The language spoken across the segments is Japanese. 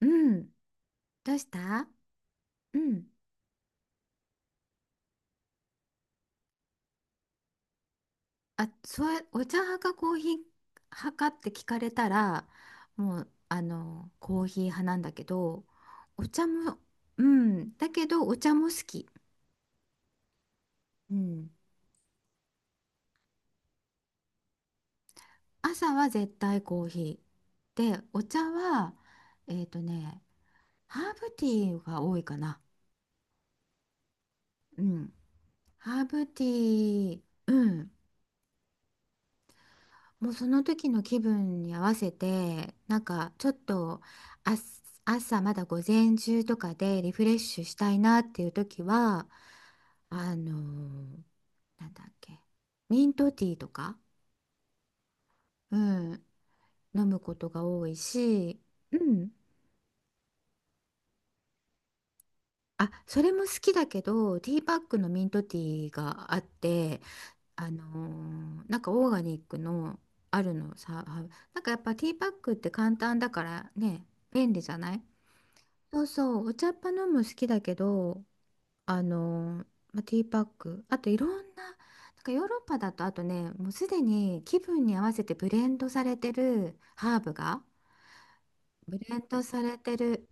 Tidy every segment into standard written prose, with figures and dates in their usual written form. うん。どうした。うん。あ、そう、お茶派かコーヒー派かって聞かれたら、もう、コーヒー派なんだけど、お茶も、うん。だけど、お茶も好き。うん。朝は絶対コーヒー。で、お茶は、えっとね、ハーブティーが多いかな。うん。ハーブティー、うん。もうその時の気分に合わせて、なんかちょっと、あ朝まだ午前中とかでリフレッシュしたいなっていう時は、あのーなんだっけ、ミントティーとか、うん、飲むことが多いし、うん、あ、それも好きだけど、ティーパックのミントティーがあって、あのなんかオーガニックのあるのさあ、なんかやっぱティーパックって簡単だからね、便利じゃない？そうそう、お茶っ葉飲む好きだけど、あの、まあ、ティーパック、あといろんな、なんかヨーロッパだと、あとね、もうすでに気分に合わせてブレンドされてるハーブが、ブレンドされてる、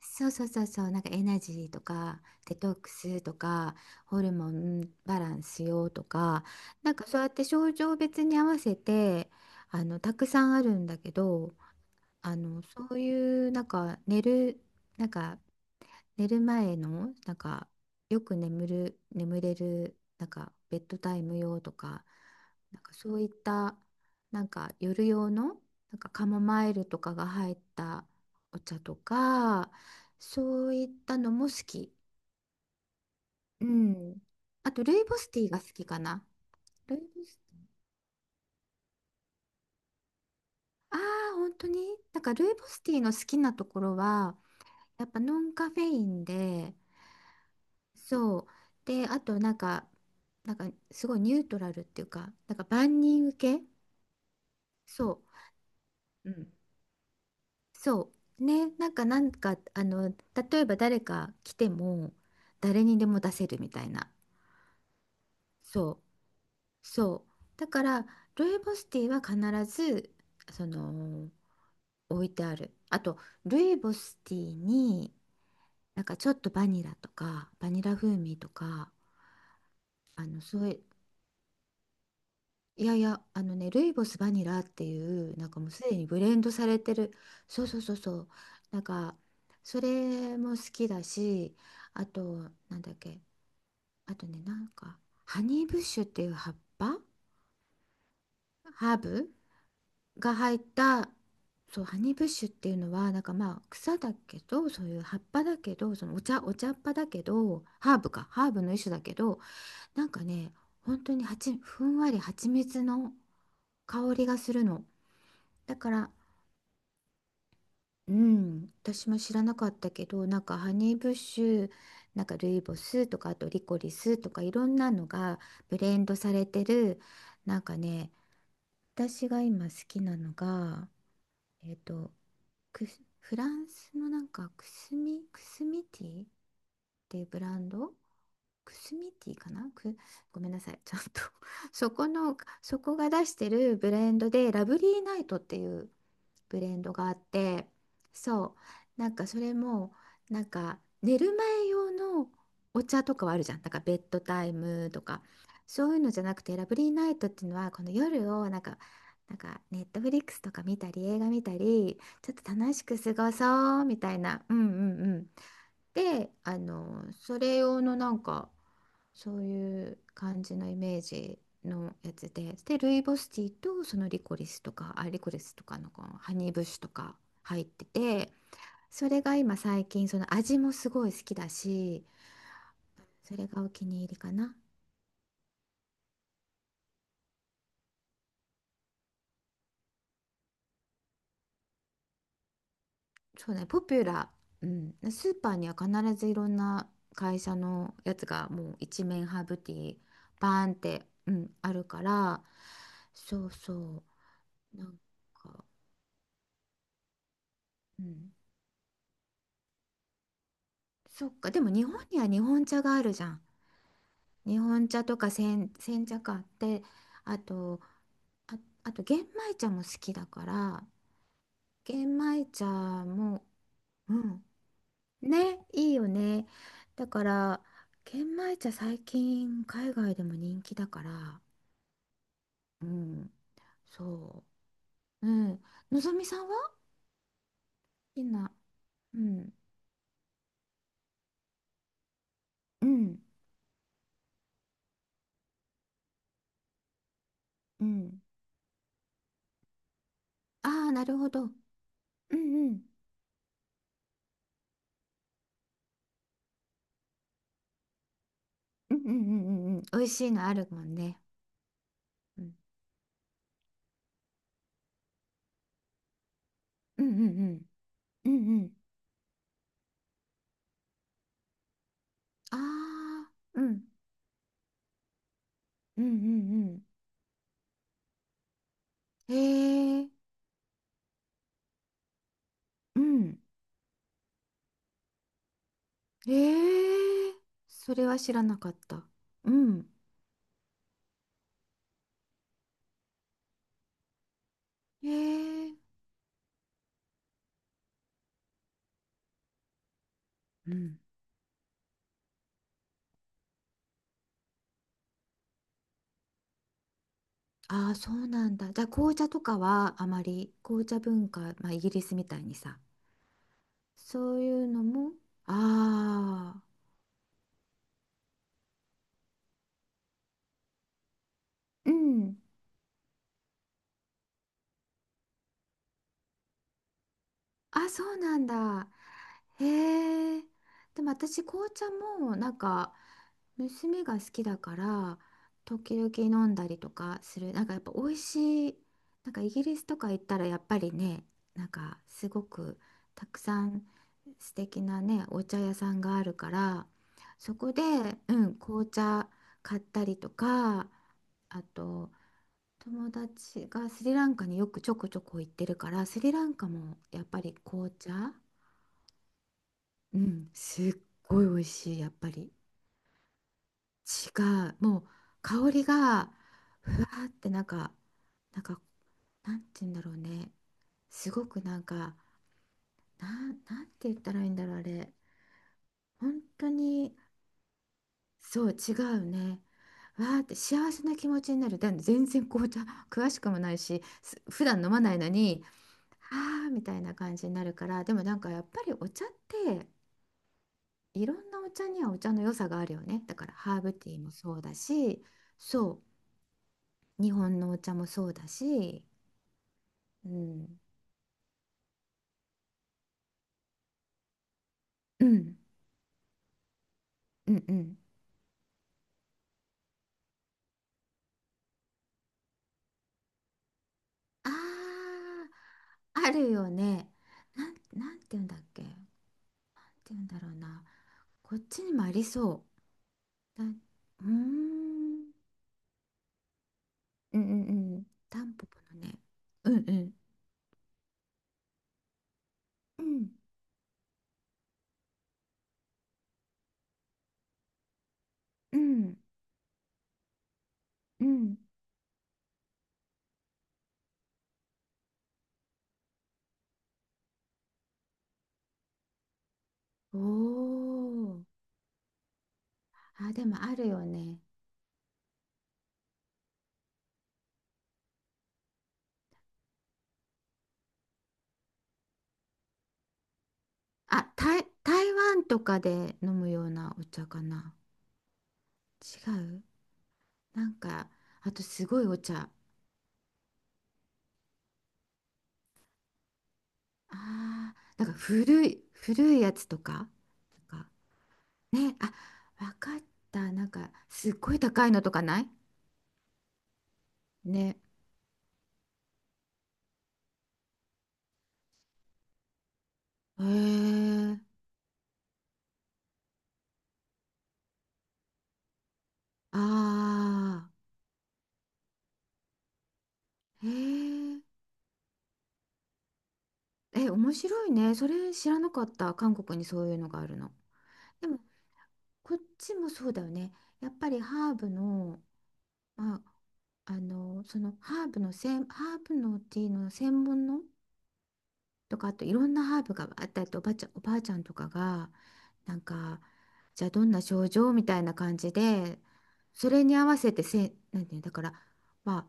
そうそうそうそう、なんかエナジーとか、デトックスとか、ホルモンバランス用とか、なんかそうやって症状別に合わせて、たくさんあるんだけど、そういう、なんか寝る前のなんか、よく眠れるなんかベッドタイム用とか、なんかそういったなんか夜用のなんかカモマイルとかが入ったお茶とか、そういったのも好き。うん。あとルイボスティーが好きかな。ルイボスああー、本当になんかルイボスティーの好きなところは、やっぱノンカフェインで、そう。で、あとなんかすごいニュートラルっていうか、なんか万人受け、そう、うん。そうね、なんか、例えば誰か来ても、誰にでも出せるみたいな、そう、そうだから、ルイボスティーは必ずその置いてある、あとルイボスティーになんかちょっとバニラとか、バニラ風味とか、そういう、いやいや、ルイボスバニラっていう、なんかもうすでにブレンドされてる、そうそうそうそう、なんか、それも好きだし、あと、なんだっけ、あとね、なんか、ハニーブッシュっていう葉っぱ、ハーブが入った、そう、ハニーブッシュっていうのは、なんか、まあ、草だけど、そういう葉っぱだけど、お茶っ葉だけど、ハーブの一種だけど、なんかね、本当にふんわり蜂蜜の香りがするの。だから、うん、私も知らなかったけど、なんかハニーブッシュ、なんかルイボスとか、あとリコリスとか、いろんなのがブレンドされてる、なんかね、私が今好きなのが、えっとフランスのなんか、くすみティーっていうブランド、くすみティーかなごめんなさい。ちゃんと そこが出してるブレンドで、ラブリーナイトっていうブレンドがあって、そう。なんかそれも、なんか寝る前用のお茶とかはあるじゃん。なんかベッドタイムとか、そういうのじゃなくて、ラブリーナイトっていうのは、この夜をなんか、なんかネットフリックスとか見たり映画見たり、ちょっと楽しく過ごそうみたいな、うんうんうん、でそれ用のなんかそういう感じのイメージのやつで、ルイボスティーと、そのリコリスとか、あ、リコリスとかの、このハニーブッシュとか入ってて、それが今最近その味もすごい好きだし、それがお気に入りかな。そうね、ポピュラー、うん、スーパーには必ずいろんな会社のやつがもう一面ハーブティーバーンって、うん、あるから、そうそう、なんか、うん、そっか、でも日本には日本茶があるじゃん。日本茶とか煎茶か、って、あとあ、あと玄米茶も好きだから、玄米茶も、うん、ね、いいよね。だから玄米茶、最近海外でも人気だから、うん、そう、うん、のぞみさんは好きな、うん、うんうん、ああー、なるほど、うん、うんうんうんうんうんうん、美味しいのあるもんね、うんうんうんうんうんうん、ああ、うんうんうんうん、へえ、うん。うん、へえ、それは知らなかった。うん。へえ、うん、ああ、そうなんだ。じゃあ紅茶とかはあまり、紅茶文化、まあイギリスみたいにさ、そういうのも、ああ、うん、あ、そうなんだ。へえ、でも私紅茶もなんか娘が好きだから、時々飲んだりとかする、なんかやっぱ美味しい、なんかイギリスとか行ったらやっぱりね、なんかすごくたくさん素敵なねお茶屋さんがあるから、そこで、うん、紅茶買ったりとか、あと友達がスリランカによくちょこちょこ行ってるから、スリランカもやっぱり紅茶、うん、すっごい美味しいやっぱり。違う。もう香りが、ふわーってなんか、なんか、なんて言うんだろうね。すごくなんか、なんて言ったらいいんだろう、あれ。本当に、そう、違うね。わーって幸せな気持ちになる。で、全然紅茶詳しくもないし、普段飲まないのに、あーみたいな感じになるから、でもなんかやっぱりお茶って、いろんなお茶にはお茶の良さがあるよね。だからハーブティーもそうだし、そう。日本のお茶もそうだし、うん、うんうんうん、あー、あるよね、なんて言うんだっけ、なんて言うんだろうな、こっちにもありそうなん、うーん、うんうんうん、タンポポのね、うんうんうんうんうん、おー、あ、でもあるよね、台湾とかで飲むようなお茶かな。違う、なんか、あとすごいお茶、ああ、なんか古い、古いやつとか、なんかね、あ、わかった。なんか、すっごい高いのとかないね。へえ、ああ、へえ、え、面白いね。それ知らなかった。韓国にそういうのがあるの。でも、こっちもそうだよね。やっぱりハーブの、まあ、ハーブのティーの専門のとか、あといろんなハーブがあったりと、おばあちゃんとかが、なんか、じゃあどんな症状みたいな感じで、それに合わせてなんていうのだから、まあ、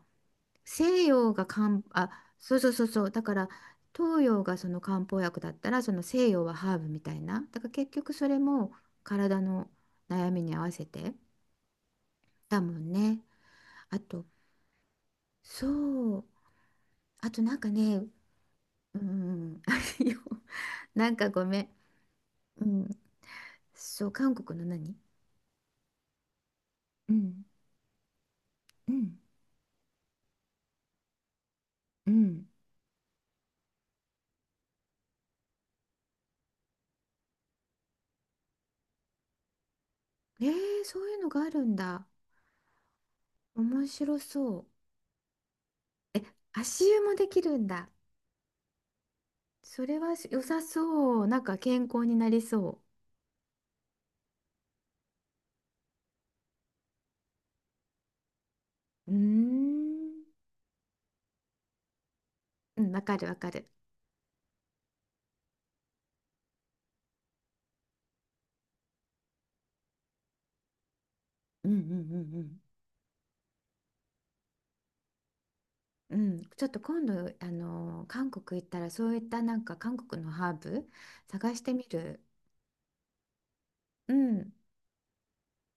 西洋が漢あそうそうそうそう、だから東洋がその漢方薬だったら、その西洋はハーブみたいな、だから結局それも体の悩みに合わせてだもんね。あと、そう、あと、なんかね、うん、 あれよ、 なんかごめん、うん、そう、韓国の何、うん、うん、うん。えー、そういうのがあるんだ。面白そう。え、足湯もできるんだ。それは良さそう。なんか健康になりそう、うーん、う。うん、わかるわかる。うん、うん、うんうん。うん、ちょっと今度、韓国行ったら、そういったなんか韓国のハーブ探してみる。うん。